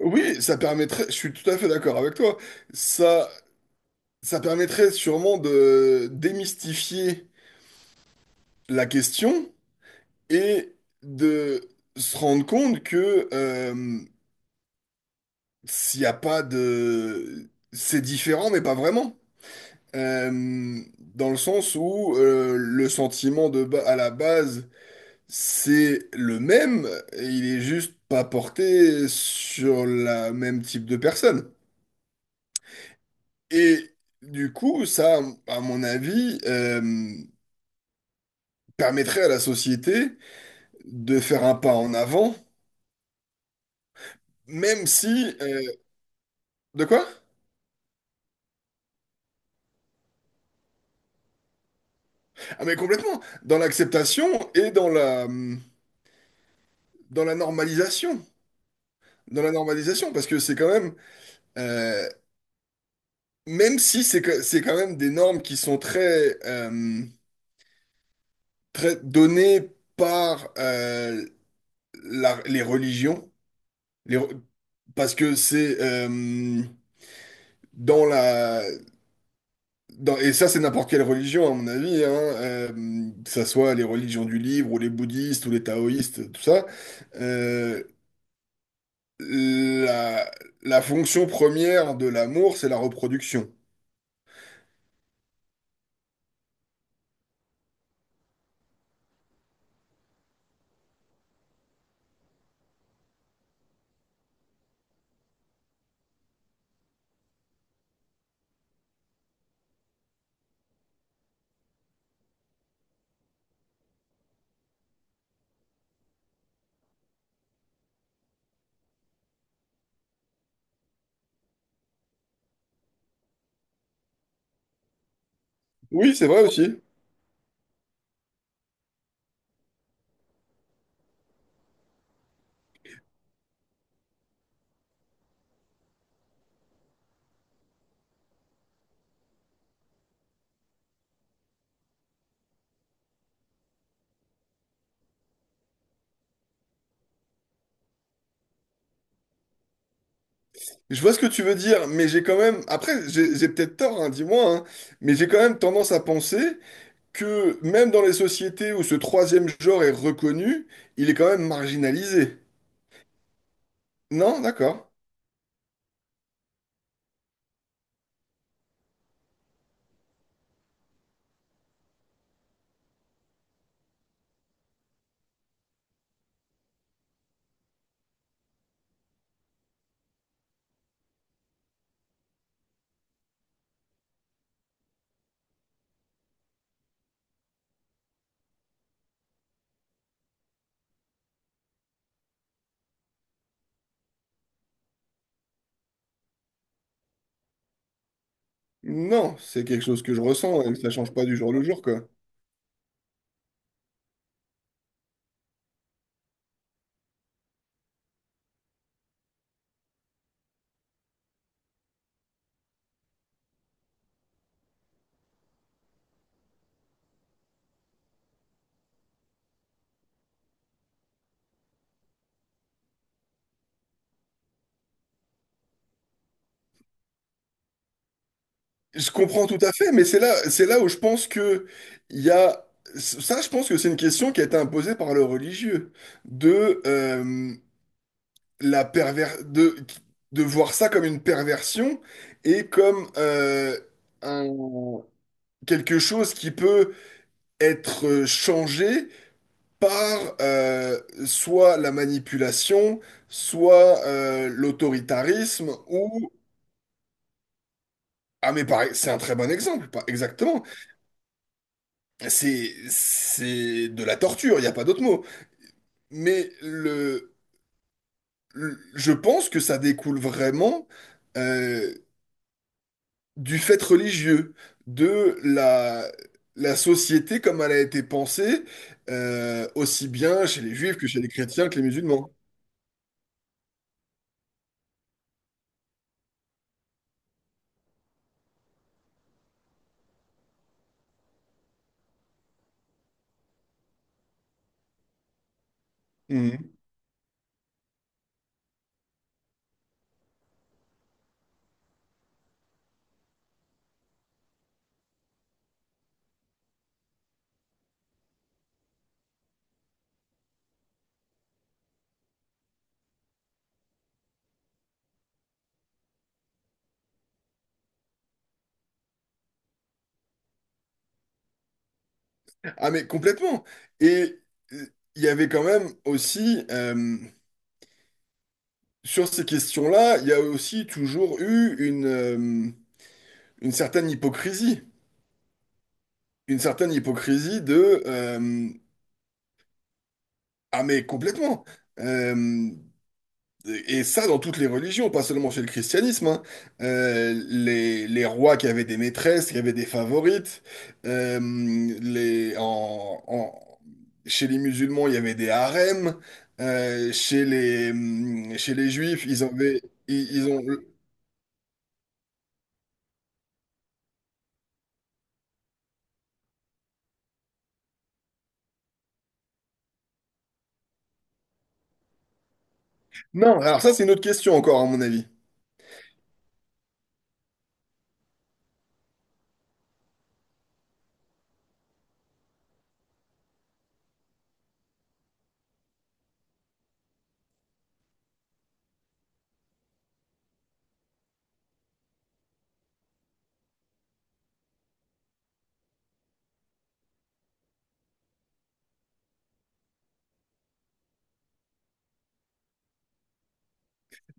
Oui, ça permettrait, je suis tout à fait d'accord avec toi, ça, ça permettrait sûrement de démystifier la question et de se rendre compte que s'il n'y a pas de... C'est différent, mais pas vraiment. Euh, Dans le sens où le sentiment de à la base, c'est le même, et il est juste pas porté sur la même type de personne. Et du coup, ça, à mon avis, permettrait à la société de faire un pas en avant, même si... euh, de quoi? Ah mais complètement, dans l'acceptation et dans la, dans la normalisation. Dans la normalisation, parce que c'est quand même... euh, même si c'est c'est quand même des normes qui sont très données par les religions, les re- parce que c'est... dans la et ça, c'est n'importe quelle religion, à mon avis, hein, que ça soit les religions du livre, ou les bouddhistes, ou les taoïstes, tout ça. euh, la, la fonction première de l'amour, c'est la reproduction. Oui, c'est vrai aussi. Je vois ce que tu veux dire, mais j'ai quand même... Après, j'ai peut-être tort, hein, dis-moi, hein, mais j'ai quand même tendance à penser que même dans les sociétés où ce troisième genre est reconnu, il est quand même marginalisé. Non, d'accord. Non, c'est quelque chose que je ressens, et que ça change pas du jour au jour, quoi. Je comprends tout à fait, mais c'est là où je pense que il y a ça, je pense que c'est une question qui a été imposée par le religieux de la perver de voir ça comme une perversion et comme un quelque chose qui peut être changé par soit la manipulation, soit l'autoritarisme ou ah mais pareil, c'est un très bon exemple, pas exactement. C'est de la torture, il n'y a pas d'autre mot. Mais le, je pense que ça découle vraiment euh, du fait religieux, de la, la société comme elle a été pensée, aussi bien chez les juifs que chez les chrétiens que les musulmans. Mhm. Ah mais complètement. Et euh, il y avait quand même aussi, sur ces questions-là, il y a aussi toujours eu une certaine hypocrisie. Une certaine hypocrisie de Ah mais complètement. Euh, et ça dans toutes les religions pas seulement chez le christianisme hein. Les rois qui avaient des maîtresses qui avaient des favorites euh, les en, en- chez les musulmans il y avait des harems. Chez les juifs ils avaient ils, ils ont non alors ça c'est une autre question encore à mon avis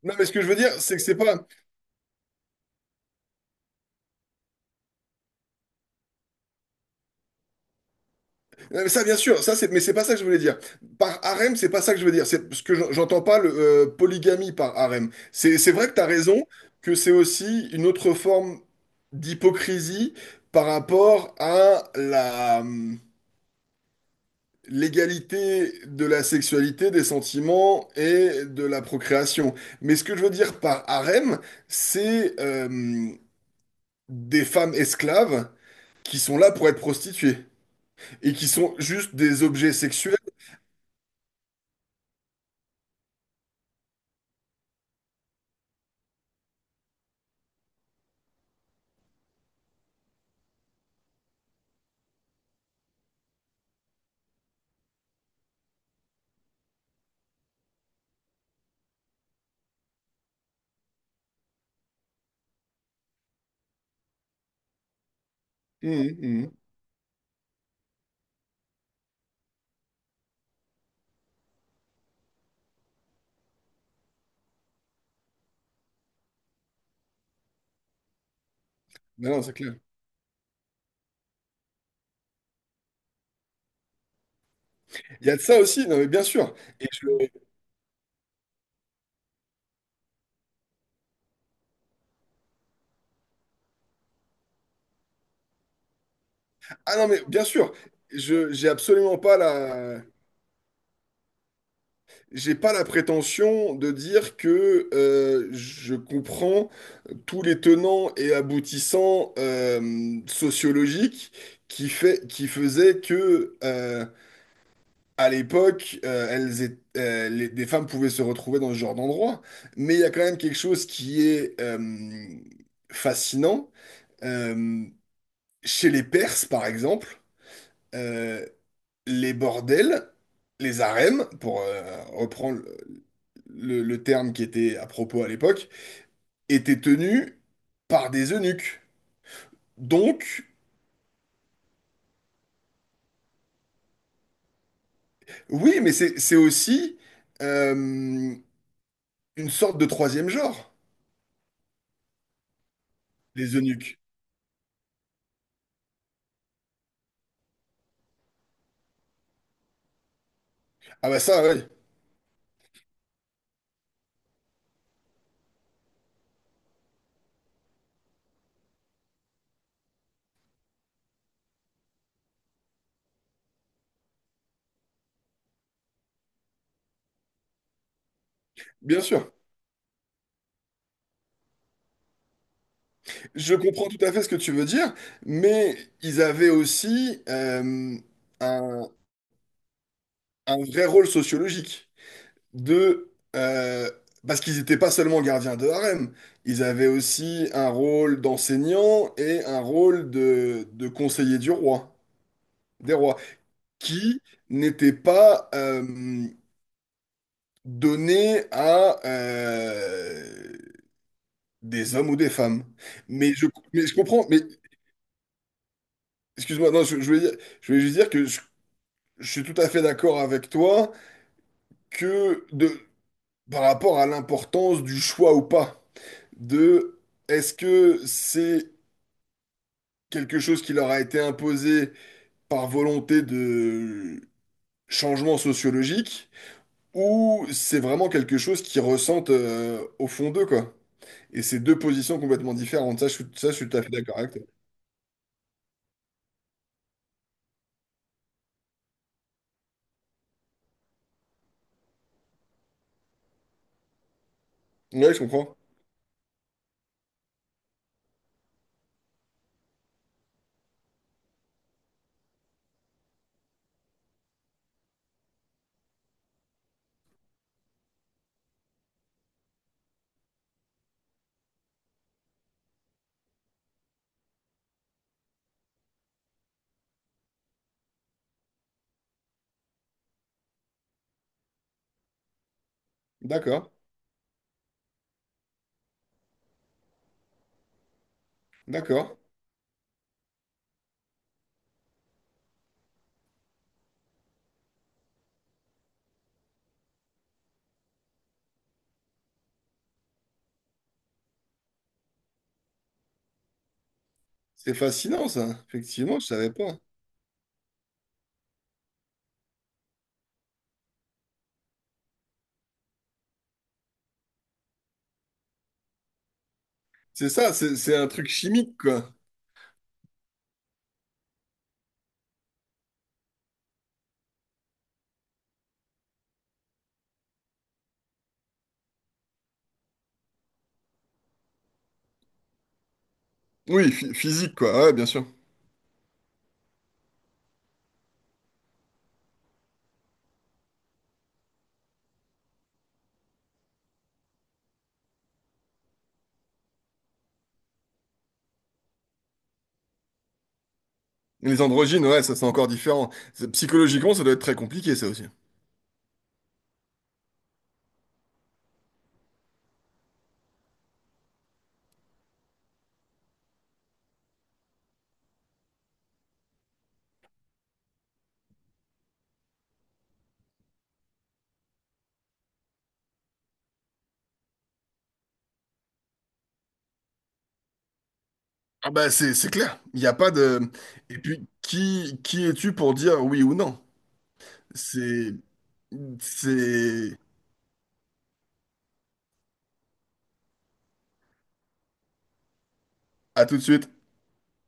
non mais ce que je veux dire c'est que c'est pas non, mais ça, bien sûr, ça, c'est, mais c'est pas ça que je voulais dire. Par harem, c'est pas ça que je veux dire. C'est parce que j'entends pas le polygamie par harem. C'est vrai que t'as raison que c'est aussi une autre forme d'hypocrisie par rapport à la l'égalité de la sexualité, des sentiments et de la procréation. Mais ce que je veux dire par harem, c'est des femmes esclaves qui sont là pour être prostituées et qui sont juste des objets sexuels. Mhm, mhm. Non, non, c'est clair. Il y a de ça aussi, non mais bien sûr. Et je... Ah non mais bien sûr, je j'ai absolument pas la j'ai pas la prétention de dire que je comprends tous les tenants et aboutissants sociologiques qui fait qui faisaient que à l'époque, des femmes pouvaient se retrouver dans ce genre d'endroit. Mais il y a quand même quelque chose qui est fascinant. Euh, Chez les Perses, par exemple, euh, les bordels, les harems, pour reprendre le terme qui était à propos à l'époque, étaient tenus par des eunuques. Donc, oui, mais c'est aussi euh, une sorte de troisième genre, les eunuques. Ah bah ça, oui, bien sûr. Je comprends tout à fait ce que tu veux dire, mais ils avaient aussi un un vrai rôle sociologique. De, euh, parce qu'ils n'étaient pas seulement gardiens de harem, ils avaient aussi un rôle d'enseignant et un rôle de conseiller du roi, des rois, qui n'était pas donné à des hommes ou des femmes. Mais je, mais je comprends, mais excuse-moi, non, je voulais dire, je voulais juste dire que je suis tout à fait d'accord avec toi que de par rapport à l'importance du choix ou pas, de est-ce que c'est quelque chose qui leur a été imposé par volonté de changement sociologique, ou c'est vraiment quelque chose qu'ils ressentent au fond d'eux, quoi. Et c'est deux positions complètement différentes. Ça, je suis tout à fait d'accord avec toi. Ouais, je comprends. D'accord, d'accord. C'est fascinant, ça. Effectivement, je savais pas. C'est ça, c'est un truc chimique, quoi. Oui, physique, quoi. Ouais, bien sûr. Les androgynes, ouais, ça c'est encore différent. C'est- Psychologiquement, ça doit être très compliqué, ça aussi. Ah bah c'est clair, il n'y a pas de... Et puis, qui es-tu pour dire oui ou non? C'est... C'est... À tout de suite.